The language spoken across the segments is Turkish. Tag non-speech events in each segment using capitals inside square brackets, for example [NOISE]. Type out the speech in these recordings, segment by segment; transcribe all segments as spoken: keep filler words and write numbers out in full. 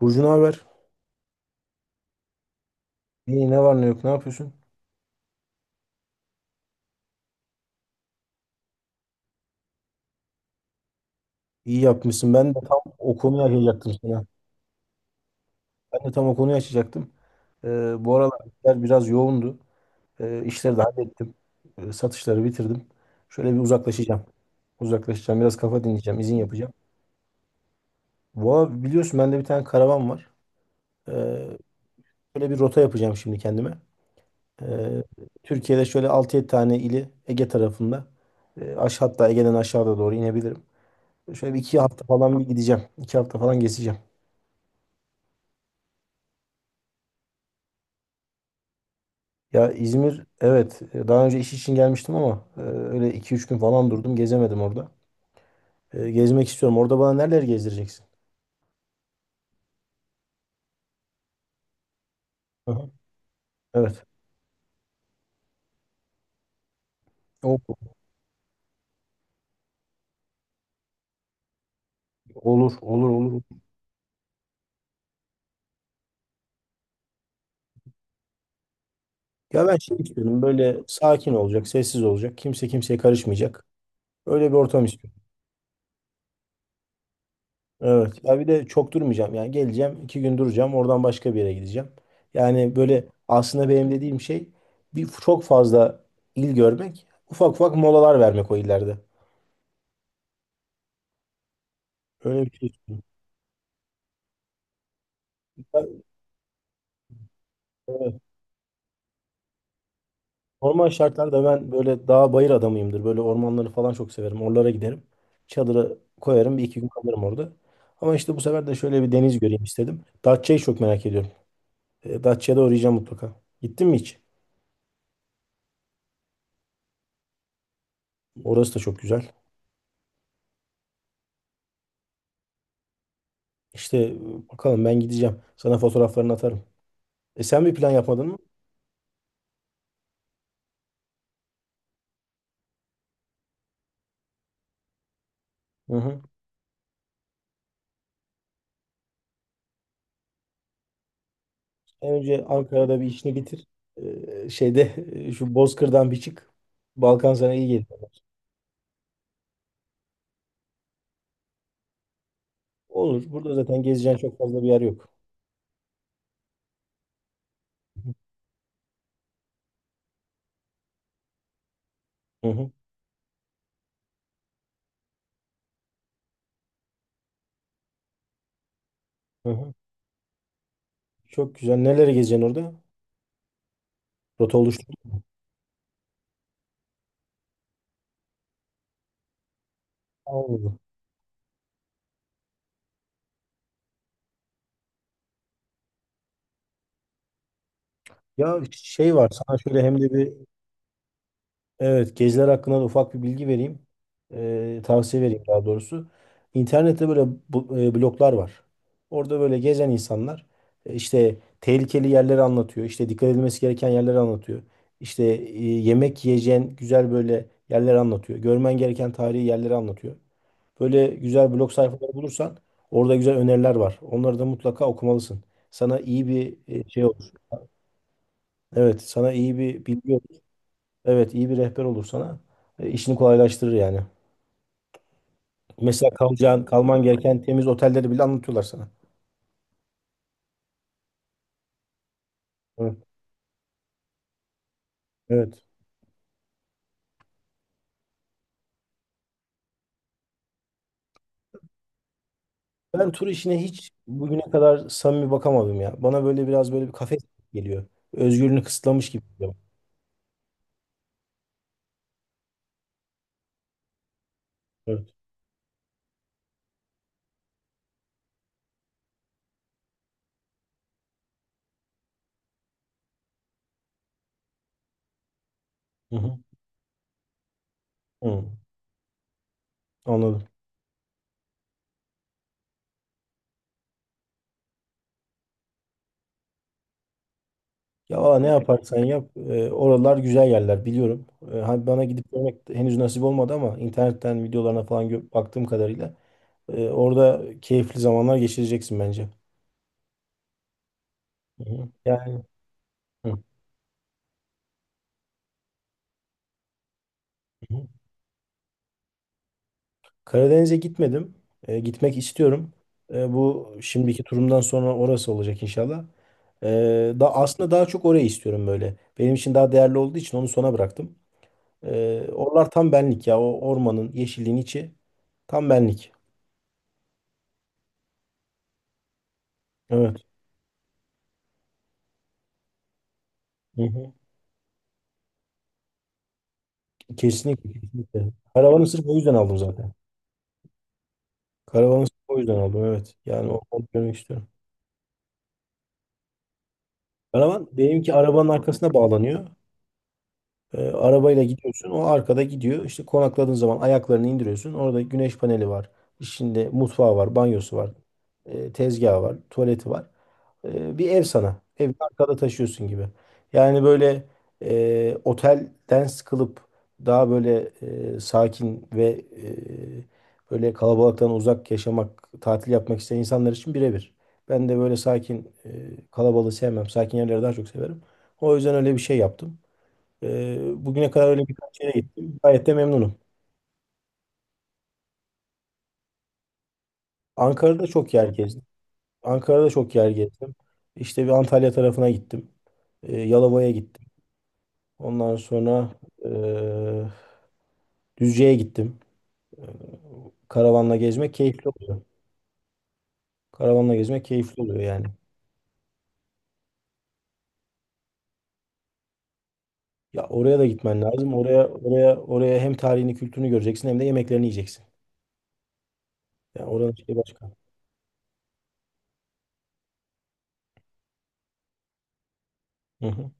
Burcu ne haber? İyi ne var ne yok ne yapıyorsun? İyi yapmışsın. Ben de tam o konuyu açacaktım sana. Ben de tam o konuyu açacaktım. Ee, bu aralar işler biraz yoğundu. Ee, işleri de hallettim. Ee, satışları bitirdim. Şöyle bir uzaklaşacağım. Uzaklaşacağım. Biraz kafa dinleyeceğim. İzin yapacağım. Valla biliyorsun bende bir tane karavan var. Ee, şöyle bir rota yapacağım şimdi kendime. Ee, Türkiye'de şöyle altı yedi tane ili Ege tarafında. Ee, aşağı hatta Ege'den aşağıda doğru inebilirim. Şöyle bir iki hafta falan bir gideceğim. iki hafta falan gezeceğim. Ya İzmir, evet, e, daha önce iş için gelmiştim ama e, öyle iki üç gün falan durdum, gezemedim orada. E, Gezmek istiyorum. Orada bana nereleri gezdireceksin? Aha. Evet. O- Olur olur olur. Ya ben şey istiyorum, böyle sakin olacak, sessiz olacak. Kimse kimseye karışmayacak. Öyle bir ortam istiyorum. Evet. Ya bir de çok durmayacağım. Yani geleceğim, iki gün duracağım. Oradan başka bir yere gideceğim. Yani böyle aslında benim dediğim şey bir çok fazla il görmek, ufak ufak molalar vermek o illerde. Öyle bir şey istiyorum. Normal şartlarda ben böyle dağ bayır adamıyımdır. Böyle ormanları falan çok severim. Oralara giderim. Çadırı koyarım. Bir iki gün kalırım orada. Ama işte bu sefer de şöyle bir deniz göreyim istedim. Datça'yı çok merak ediyorum. E, Datça'ya da uğrayacağım mutlaka. Gittin mi hiç? Orası da çok güzel. İşte e, bakalım ben gideceğim. Sana fotoğraflarını atarım. E, sen bir plan yapmadın mı? Hı hı. En önce Ankara'da bir işini bitir. E, şeyde [LAUGHS] e, şu Bozkır'dan bir çık. Balkan sana iyi gelir. Olur. Burada zaten gezeceğin çok fazla bir yer yok. Hı hı. Hı hı. Çok güzel. Neler gezeceksin orada? Rota oluşturdun mu? Olmadı. Ya şey var. Sana şöyle hem de bir, evet, geziler hakkında da ufak bir bilgi vereyim. Ee, tavsiye vereyim daha doğrusu. İnternette böyle bu, e, bloglar var. Orada böyle gezen insanlar e, işte tehlikeli yerleri anlatıyor. İşte dikkat edilmesi gereken yerleri anlatıyor. İşte e, yemek yiyeceğin güzel böyle yerleri anlatıyor. Görmen gereken tarihi yerleri anlatıyor. Böyle güzel blog sayfaları bulursan orada güzel öneriler var. Onları da mutlaka okumalısın. Sana iyi bir e, şey olur. Evet, sana iyi bir bilgi olur. Evet, iyi bir rehber olur sana. E, işini kolaylaştırır yani. Mesela kalacağın, kalman gereken temiz otelleri bile anlatıyorlar sana. Evet. Evet. Ben tur işine hiç bugüne kadar samimi bakamadım ya. Bana böyle biraz böyle bir kafes geliyor. Özgürlüğünü kısıtlamış gibi geliyor. Evet. Hı hı. Hı. Anladım. Ya valla ne yaparsan yap, e, oralar güzel yerler, biliyorum. E, hani bana gidip görmek henüz nasip olmadı ama internetten videolarına falan gö- baktığım kadarıyla e, orada keyifli zamanlar geçireceksin bence. Hı hı. Yani hı hı. Karadeniz'e gitmedim. E, gitmek istiyorum. E, bu şimdiki turumdan sonra orası olacak inşallah. E, da aslında daha çok orayı istiyorum böyle. Benim için daha değerli olduğu için onu sona bıraktım. E, oralar tam benlik ya. O ormanın, yeşilliğin içi tam benlik. Evet. Kesinlikle, kesinlikle. Karavanı sırf o yüzden aldım zaten. Karavanı sırf o yüzden aldım, evet. Yani o onu görmek istiyorum. Karavan benimki arabanın arkasına bağlanıyor. E, arabayla gidiyorsun. O arkada gidiyor. İşte konakladığın zaman ayaklarını indiriyorsun. Orada güneş paneli var. İçinde mutfağı var, banyosu var, e, tezgahı var, tuvaleti var. E, bir ev sana. Evi arkada taşıyorsun gibi. Yani böyle e, otelden sıkılıp daha böyle e, sakin ve e, böyle kalabalıktan uzak yaşamak, tatil yapmak isteyen insanlar için birebir. Ben de böyle sakin, e, kalabalığı sevmem. Sakin yerleri daha çok severim. O yüzden öyle bir şey yaptım. Ee, bugüne kadar öyle birkaç yere gittim. Gayet de memnunum. Ankara'da çok yer gezdim. Ankara'da çok yer gezdim. İşte bir Antalya tarafına gittim. Ee, Yalova'ya gittim. Ondan sonra eee Düzce'ye gittim. Ee, karavanla gezmek keyifli oluyor. Karavanla gezmek keyifli oluyor yani. Ya oraya da gitmen lazım. Oraya oraya oraya hem tarihini, kültürünü göreceksin hem de yemeklerini yiyeceksin. Yani oranın şeyi başka. Hı hı.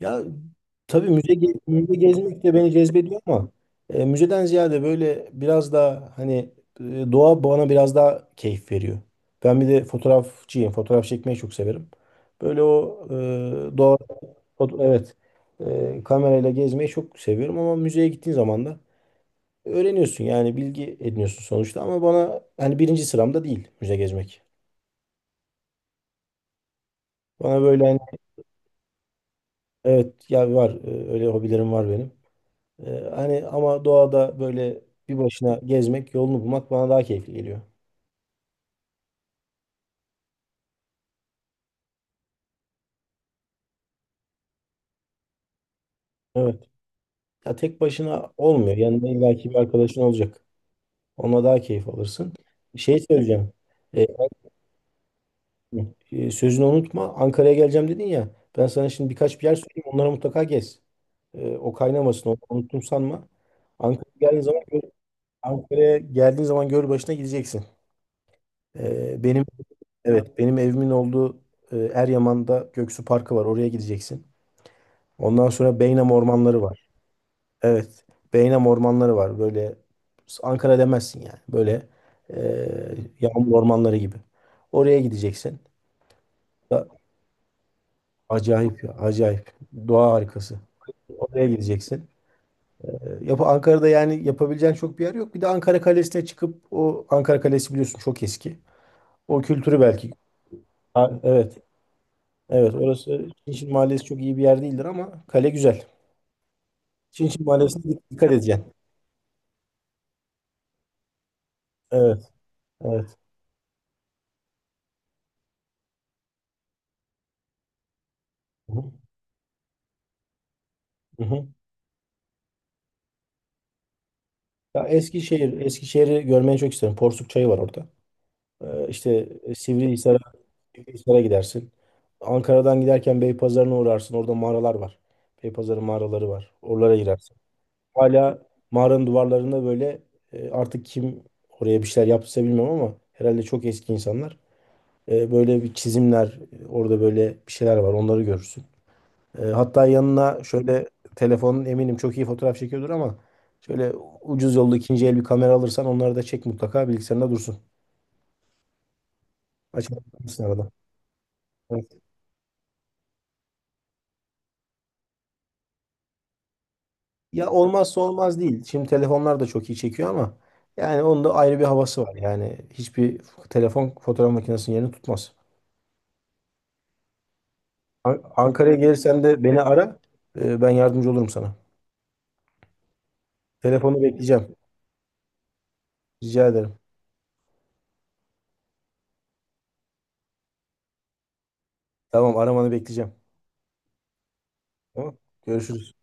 Ya tabii müze, ge- müze gezmek de beni cezbediyor ama e, müzeden ziyade böyle biraz daha hani e, doğa bana biraz daha keyif veriyor. Ben bir de fotoğrafçıyım. Fotoğraf çekmeyi çok severim. Böyle o e, doğa foto- evet, e, kamerayla gezmeyi çok seviyorum ama müzeye gittiğin zaman da öğreniyorsun, yani bilgi ediniyorsun sonuçta, ama bana hani birinci sıramda değil müze gezmek. Bana böyle hani, evet, ya var, e, öyle hobilerim var benim. Ee, hani ama doğada böyle bir başına gezmek, yolunu bulmak bana daha keyifli geliyor. Evet. Ya tek başına olmuyor. Yanında illaki bir arkadaşın olacak. Onunla daha keyif alırsın. Şey söyleyeceğim. Ee, yani, e, sözünü unutma. Ankara'ya geleceğim dedin ya. Ben sana şimdi birkaç bir yer söyleyeyim. Onlara mutlaka gez. Ee, o kaynamasın. Onu unuttum sanma. Ankara'ya geldiğin zaman gör, Ankara'ya geldiğin zaman göl başına gideceksin. Ee, benim evet benim evimin olduğu e, Eryaman'da Göksu Parkı var. Oraya gideceksin. Ondan sonra Beynam ormanları var. Evet. Beynam ormanları var. Böyle Ankara demezsin yani. Böyle e, yağmur ormanları gibi. Oraya gideceksin. Da- Acayip ya. Acayip. Doğa harikası. Oraya gideceksin. E, Yap Ankara'da yani yapabileceğin çok bir yer yok. Bir de Ankara Kalesi'ne çıkıp, o Ankara Kalesi biliyorsun çok eski. O kültürü belki. Ha, evet. Evet. Orası Çinçin Mahallesi, çok iyi bir yer değildir ama kale güzel. Çinçin Mahallesi'ne dik- dikkat edeceksin. Evet. Evet. Hı hı. Hı hı. Ya Eskişehir, Eskişehir'i görmeyi çok isterim. Porsuk Çayı var orada. Ee, işte Sivrihisar'a, Sivrihisar'a gidersin. Ankara'dan giderken Beypazarı'na uğrarsın. Orada mağaralar var. Beypazarı mağaraları var. Oralara girersin. Hala mağaranın duvarlarında böyle e, artık kim oraya bir şeyler yaptıysa bilmiyorum ama herhalde çok eski insanlar. E, böyle bir çizimler, e, orada böyle bir şeyler var. Onları görürsün. E, hatta yanına şöyle telefonun eminim çok iyi fotoğraf çekiyordur ama şöyle ucuz yolda ikinci el bir kamera alırsan onları da çek, mutlaka bilgisayarında dursun. Açabilirsin arada. Evet. Ya olmazsa olmaz değil. Şimdi telefonlar da çok iyi çekiyor ama yani onun da ayrı bir havası var. Yani hiçbir telefon fotoğraf makinesinin yerini tutmaz. An- Ankara'ya gelirsen de beni ara. E, ben yardımcı olurum sana. Telefonu bekleyeceğim. Rica ederim. Tamam, aramanı bekleyeceğim. Tamam. Görüşürüz.